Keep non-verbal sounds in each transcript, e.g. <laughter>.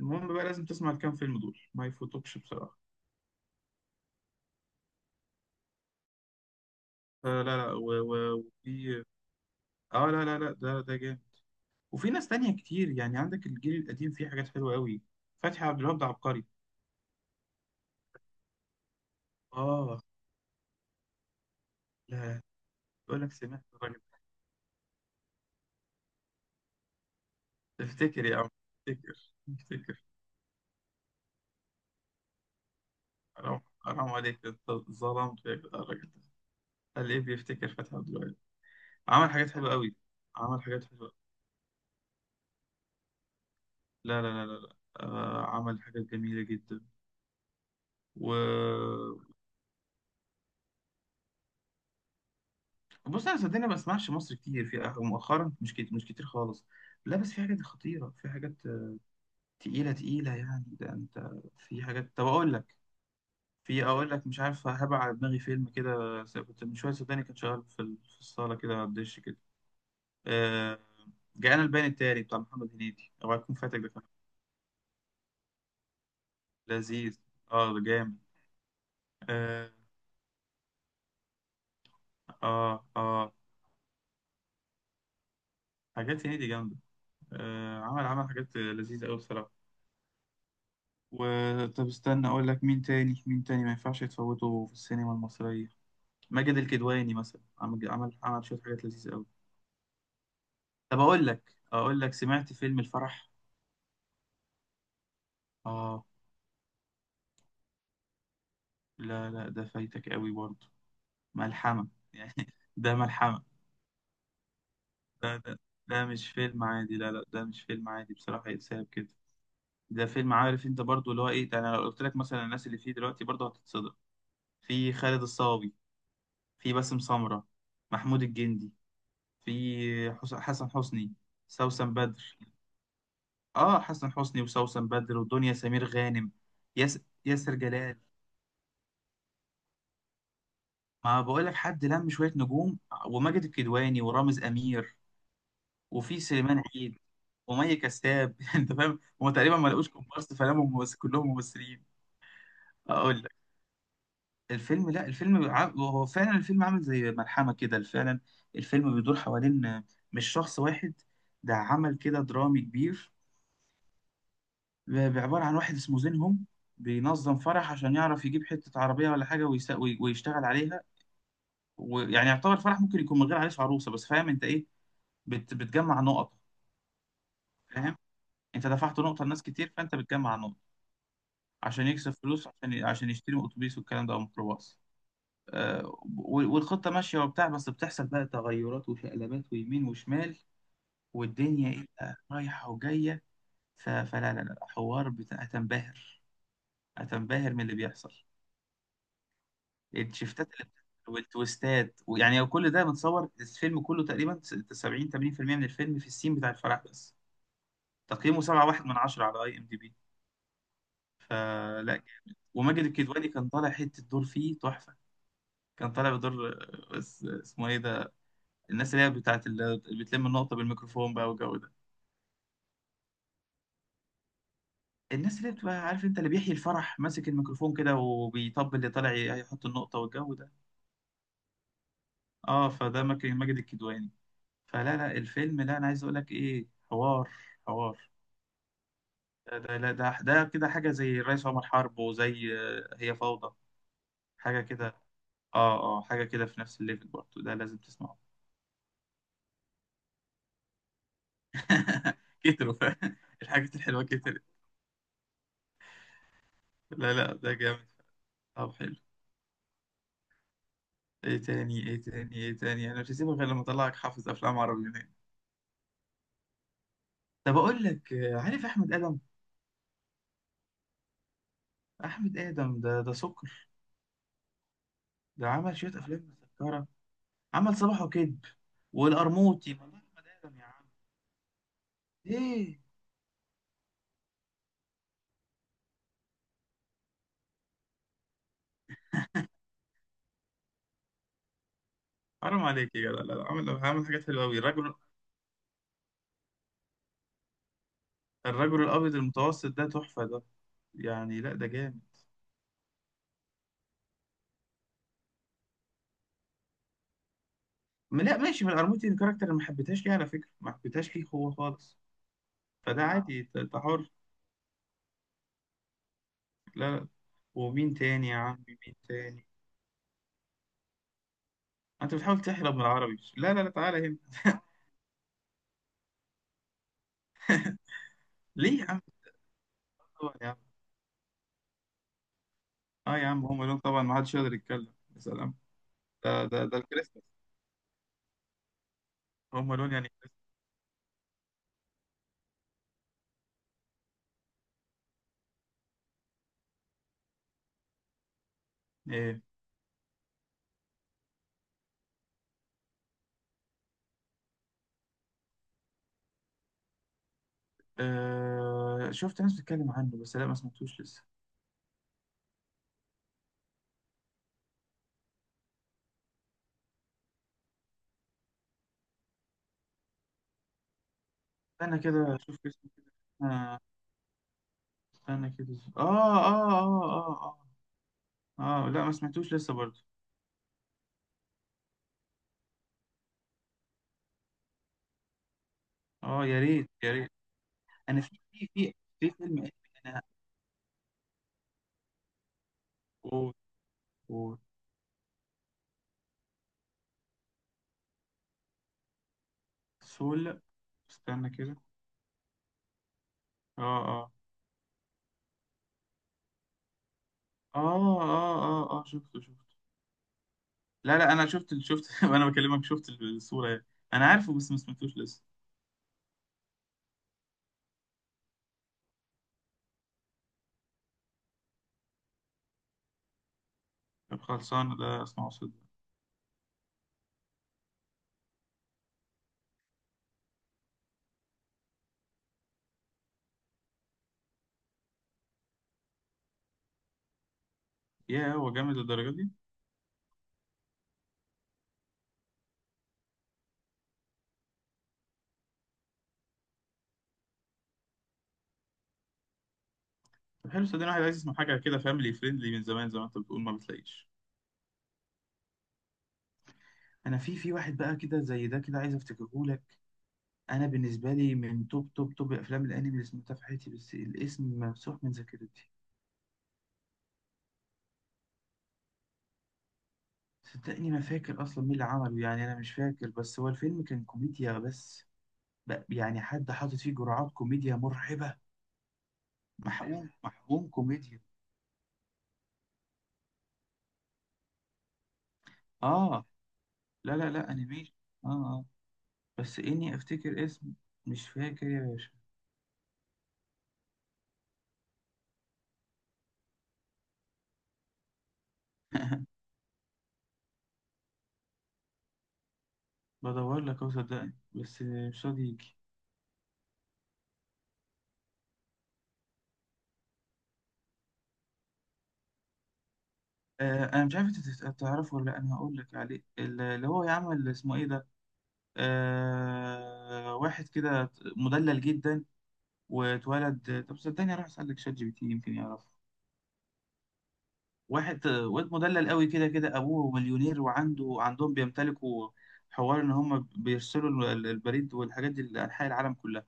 المهم بقى لازم تسمع الكام فيلم دول ما يفوتوكش بصراحة. آه، لا لا وفي اه، لا لا لا، ده جامد. وفي ناس تانية كتير، يعني عندك الجيل القديم فيه حاجات حلوة قوي. فتحي عبد الوهاب ده عبقري. اه. لا، بقول لك سمعت الراجل ده. افتكر يا عم، افتكر افتكر. حرام حرام عليك، انت ظلمت يا جدع الراجل ده. قال ايه بيفتكر فتحي عبد الوهاب؟ عمل حاجات حلوة قوي، عمل حاجات حلوة. لا لا لا لا، لا. آه عمل حاجات جميلة جدا و... بص انا صدقني ما بسمعش مصر كتير في مؤخرا، مش كتير مش كتير خالص. لا بس في حاجات خطيره، في حاجات تقيله تقيله، يعني ده انت. في حاجات، طب اقول لك. في، اقول لك، مش عارف هبع على دماغي فيلم كده، كنت من شويه صدقني كان شغال في الصاله كده على الدش كده. آه، جاءنا البيان التالي بتاع محمد هنيدي، اوعى تكون فاتك ده كمان. لذيذ، اه ده جامد. اه اه حاجات هنيدي جامده. آه، عمل عمل حاجات لذيذه قوي بصراحه و... طب استنى اقول لك مين تاني مين تاني ما ينفعش يتفوته في السينما المصرية. ماجد الكدواني مثلا، عمل عمل عمل شوية حاجات لذيذة قوي. طب اقول لك، اقول لك، سمعت فيلم الفرح؟ اه. لا لا ده فايتك قوي برضه. ملحمة، يعني <laughs> ده ملحمة. ده ده، ده مش فيلم عادي، لا لا ده مش فيلم عادي بصراحة يتساب كده. ده فيلم، عارف انت برضه، اللي هو ايه ده، انا لو قلت لك مثلا الناس اللي فيه دلوقتي برضه هتتصدم. في خالد الصاوي، في باسم سمرة، محمود الجندي، في حسن حسني، سوسن بدر. اه حسن حسني، وسوسن بدر، ودنيا سمير غانم، ياس ياسر جلال. ما بقول لك حد لم شويه نجوم. وماجد الكدواني ورامز امير، وفي سليمان عيد، ومي كساب. <laughs> انت فاهم، هما تقريبا ما لقوش كومبارس، فلموا ممثل كلهم ممثلين. اقول لك، الفيلم، لا الفيلم هو فعلا الفيلم عامل زي ملحمه كده فعلا. الفيلم بيدور حوالين، مش شخص واحد، ده عمل كده درامي كبير. بعبارة عن واحد اسمه زينهم، بينظم فرح عشان يعرف يجيب حتة عربية ولا حاجة ويشتغل عليها. ويعني يعتبر فرح ممكن يكون من غير عريس وعروسة، بس فاهم انت ايه، بتجمع نقط. فاهم، انت دفعت نقطة لناس كتير، فانت بتجمع نقط. عشان يكسب فلوس، عشان عشان يشتري اتوبيس والكلام ده، او ميكروباص. آه، والخطة ماشية وبتاع، بس بتحصل بقى تغيرات وشقلبات ويمين وشمال، والدنيا ايه بقى رايحة وجاية. ف... فلا لا لا حوار بتاع، هتنبهر. هتنبهر من اللي بيحصل، الشيفتات اللي بتحصل، والتويستات. ويعني كل ده متصور الفيلم كله تقريبا 70 80% من الفيلم في السين بتاع الفرح بس. تقييمه 7.1 من 10 على اي ام دي بي. فلا. وماجد الكدواني كان طالع حته دور فيه تحفه. كان طالع بدور، آه، اسمه ايه ده، الناس اللي هي بتاعت اللي بتلم النقطه بالميكروفون بقى، والجو ده. الناس اللي بتبقى، عارف انت، اللي بيحيي الفرح ماسك الميكروفون كده وبيطبل اللي طالع هيحط النقطه والجو ده. اه فده ماجد، ماجد الكدواني. فلا لا، الفيلم ده انا عايز اقول لك ايه، حوار، حوار. ده كده حاجه زي الرئيس عمر حرب، وزي آه، هي فوضى، حاجه كده. اه اه حاجه كده في نفس الليفل برضه، ده لازم تسمعه. <laughs> كتروا. <laughs> الحاجات الحلوه كترت. لا لا ده جامد. طب حلو، ايه تاني ايه تاني ايه تاني، انا مش هسيبك غير لما اطلعك حافظ افلام عربي منين. طب اقول لك، آه، عارف احمد ادم؟ احمد ادم ده ده سكر. ده عمل شويه افلام مسكره، عمل صباح وكذب والقرموطي. والله احمد ادم يا عم. ايه؟ حرام عليك يا جدع، لا لا، عامل عامل حاجات حلوه قوي الرجل. الرجل الابيض المتوسط ده تحفه ده، يعني لا ده جامد. لا ماشي، من الارموتي الكاركتر اللي ما حبيتهاش، ليه على فكره ما حبيتهاش؟ ليه هو خالص؟ فده عادي، انت أنت حر. لا لا. ومين تاني يا عمي، مين تاني؟ انت بتحاول تحرم من العربي، لا لا لا، تعالى هنا. <laughs> ليه يا عم، طبعا يا عم، اه يا عم هم لون طبعا، ما حدش يقدر يتكلم، يا سلام. ده ده ده الكريسماس، هم لون يعني كريسماس. ايه؟ آه شفت ناس بتتكلم عنه بس لا ما سمعتوش لسه. استنى كده اشوف اسمه كده. آه، استنى كده اشوف، اه اه اه اه. اه اه لا ما سمعتوش لسه برضه. اه يا ريت يا ريت. انا في في في، في فيلم أجنبي، انا، اوه. اوه، سول، استنى كده. اه اه اه اه. اه اه شفته شفته. لا لا انا شفت شفت <laughs> وانا بكلمك شفت الصورة يعني. انا عارفه بس ما سمعتوش لسه. طب خلصان ده، اسمعه صدق. يا هو جامد للدرجة دي؟ طب حلو صدقني، واحد عايز يسمع حاجة كده فاميلي فريندلي من زمان زي ما انت بتقول، ما بتلاقيش. انا في في واحد بقى كده زي ده كده، عايز افتكره لك. انا بالنسبه لي من توب توب توب افلام الانمي اللي سمعتها في حياتي، بس الاسم ممسوح من ذاكرتي. صدقني ما فاكر اصلا مين اللي عمله، يعني انا مش فاكر، بس هو الفيلم كان كوميديا، بس بقى، يعني حد حاطط فيه جرعات كوميديا مرعبه. محقوم محقوم كوميديا. اه. لا لا لا، انيميشن. اه اه. بس اني افتكر اسم، مش فاكر يا باشا. <laughs> بدور لك اهو صدقني بس مش راضي يجي. آه، انا مش عارف انت تعرفه ولا لأ، انا هقول لك عليه اللي هو يعمل، اسمه ايه ده، آه واحد كده مدلل جدا واتولد، طب صدقني اروح اسالك شات جي بي تي يمكن يعرفه. واحد، آه، واد مدلل قوي كده كده، ابوه مليونير، وعنده عندهم بيمتلكوا حوار ان هم بيرسلوا البريد والحاجات دي لانحاء العالم كلها.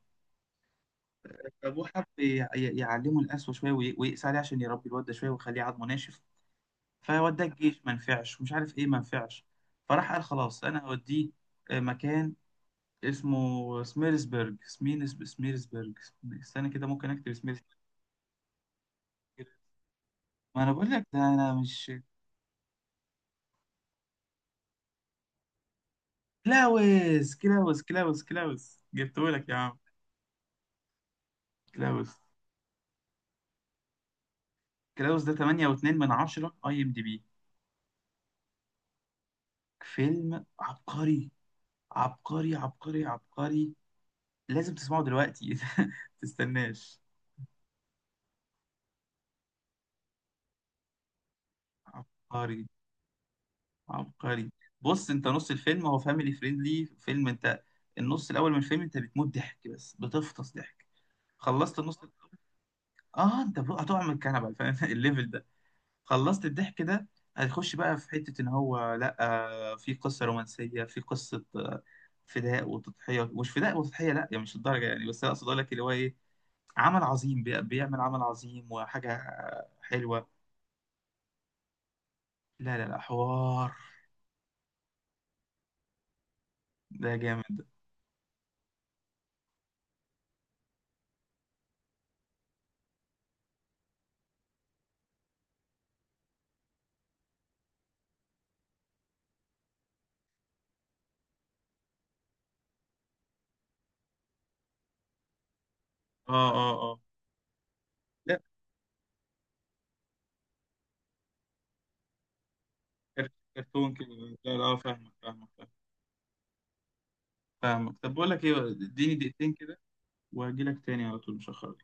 ابوه حب يعلمه القسوه شويه ويقسى عليه عشان يربي الواد ده شويه ويخليه عضمه ناشف. فوداه الجيش ما نفعش ومش عارف ايه ما نفعش. فراح قال خلاص انا هوديه آه، مكان اسمه سميرسبرج، سميرسبرج. استنى كده ممكن اكتب سميرسبرج كده. ما انا بقول لك ده انا مش... كلاوس، كلاوس كلاوس، جبته لك يا عم. كلاوس. كلاوس ده 8.2 من 10 اي ام دي بي، فيلم عبقري، عبقري عبقري عبقري. لازم تسمعه دلوقتي، <laughs> تستناش. عبقري، عبقري. بص، انت نص الفيلم هو فاميلي فريندلي فيلم انت، النص الاول من الفيلم انت بتموت ضحك، بس بتفطس ضحك. خلصت النص الأول، اه انت بقى هتقع من الكنبه، فاهم <laughs> الليفل ده. خلصت الضحك ده، هتخش بقى في حته ان هو لا، آه، في قصه رومانسيه، في قصه آه، فداء وتضحيه، مش فداء وتضحيه لا يعني، مش الدرجه يعني، بس أنا اقصد اقول لك اللي هو ايه، عمل عظيم، بيعمل عمل عظيم وحاجه حلوه. لا لا لا حوار، ده جامد. اه اه اه. كرتون كده. لا لا، اه فاهمك فاهمك، فاهمك. طب بقول لك ايه، اديني دقيقتين كده وهجي لك تاني على طول، مش هخرج.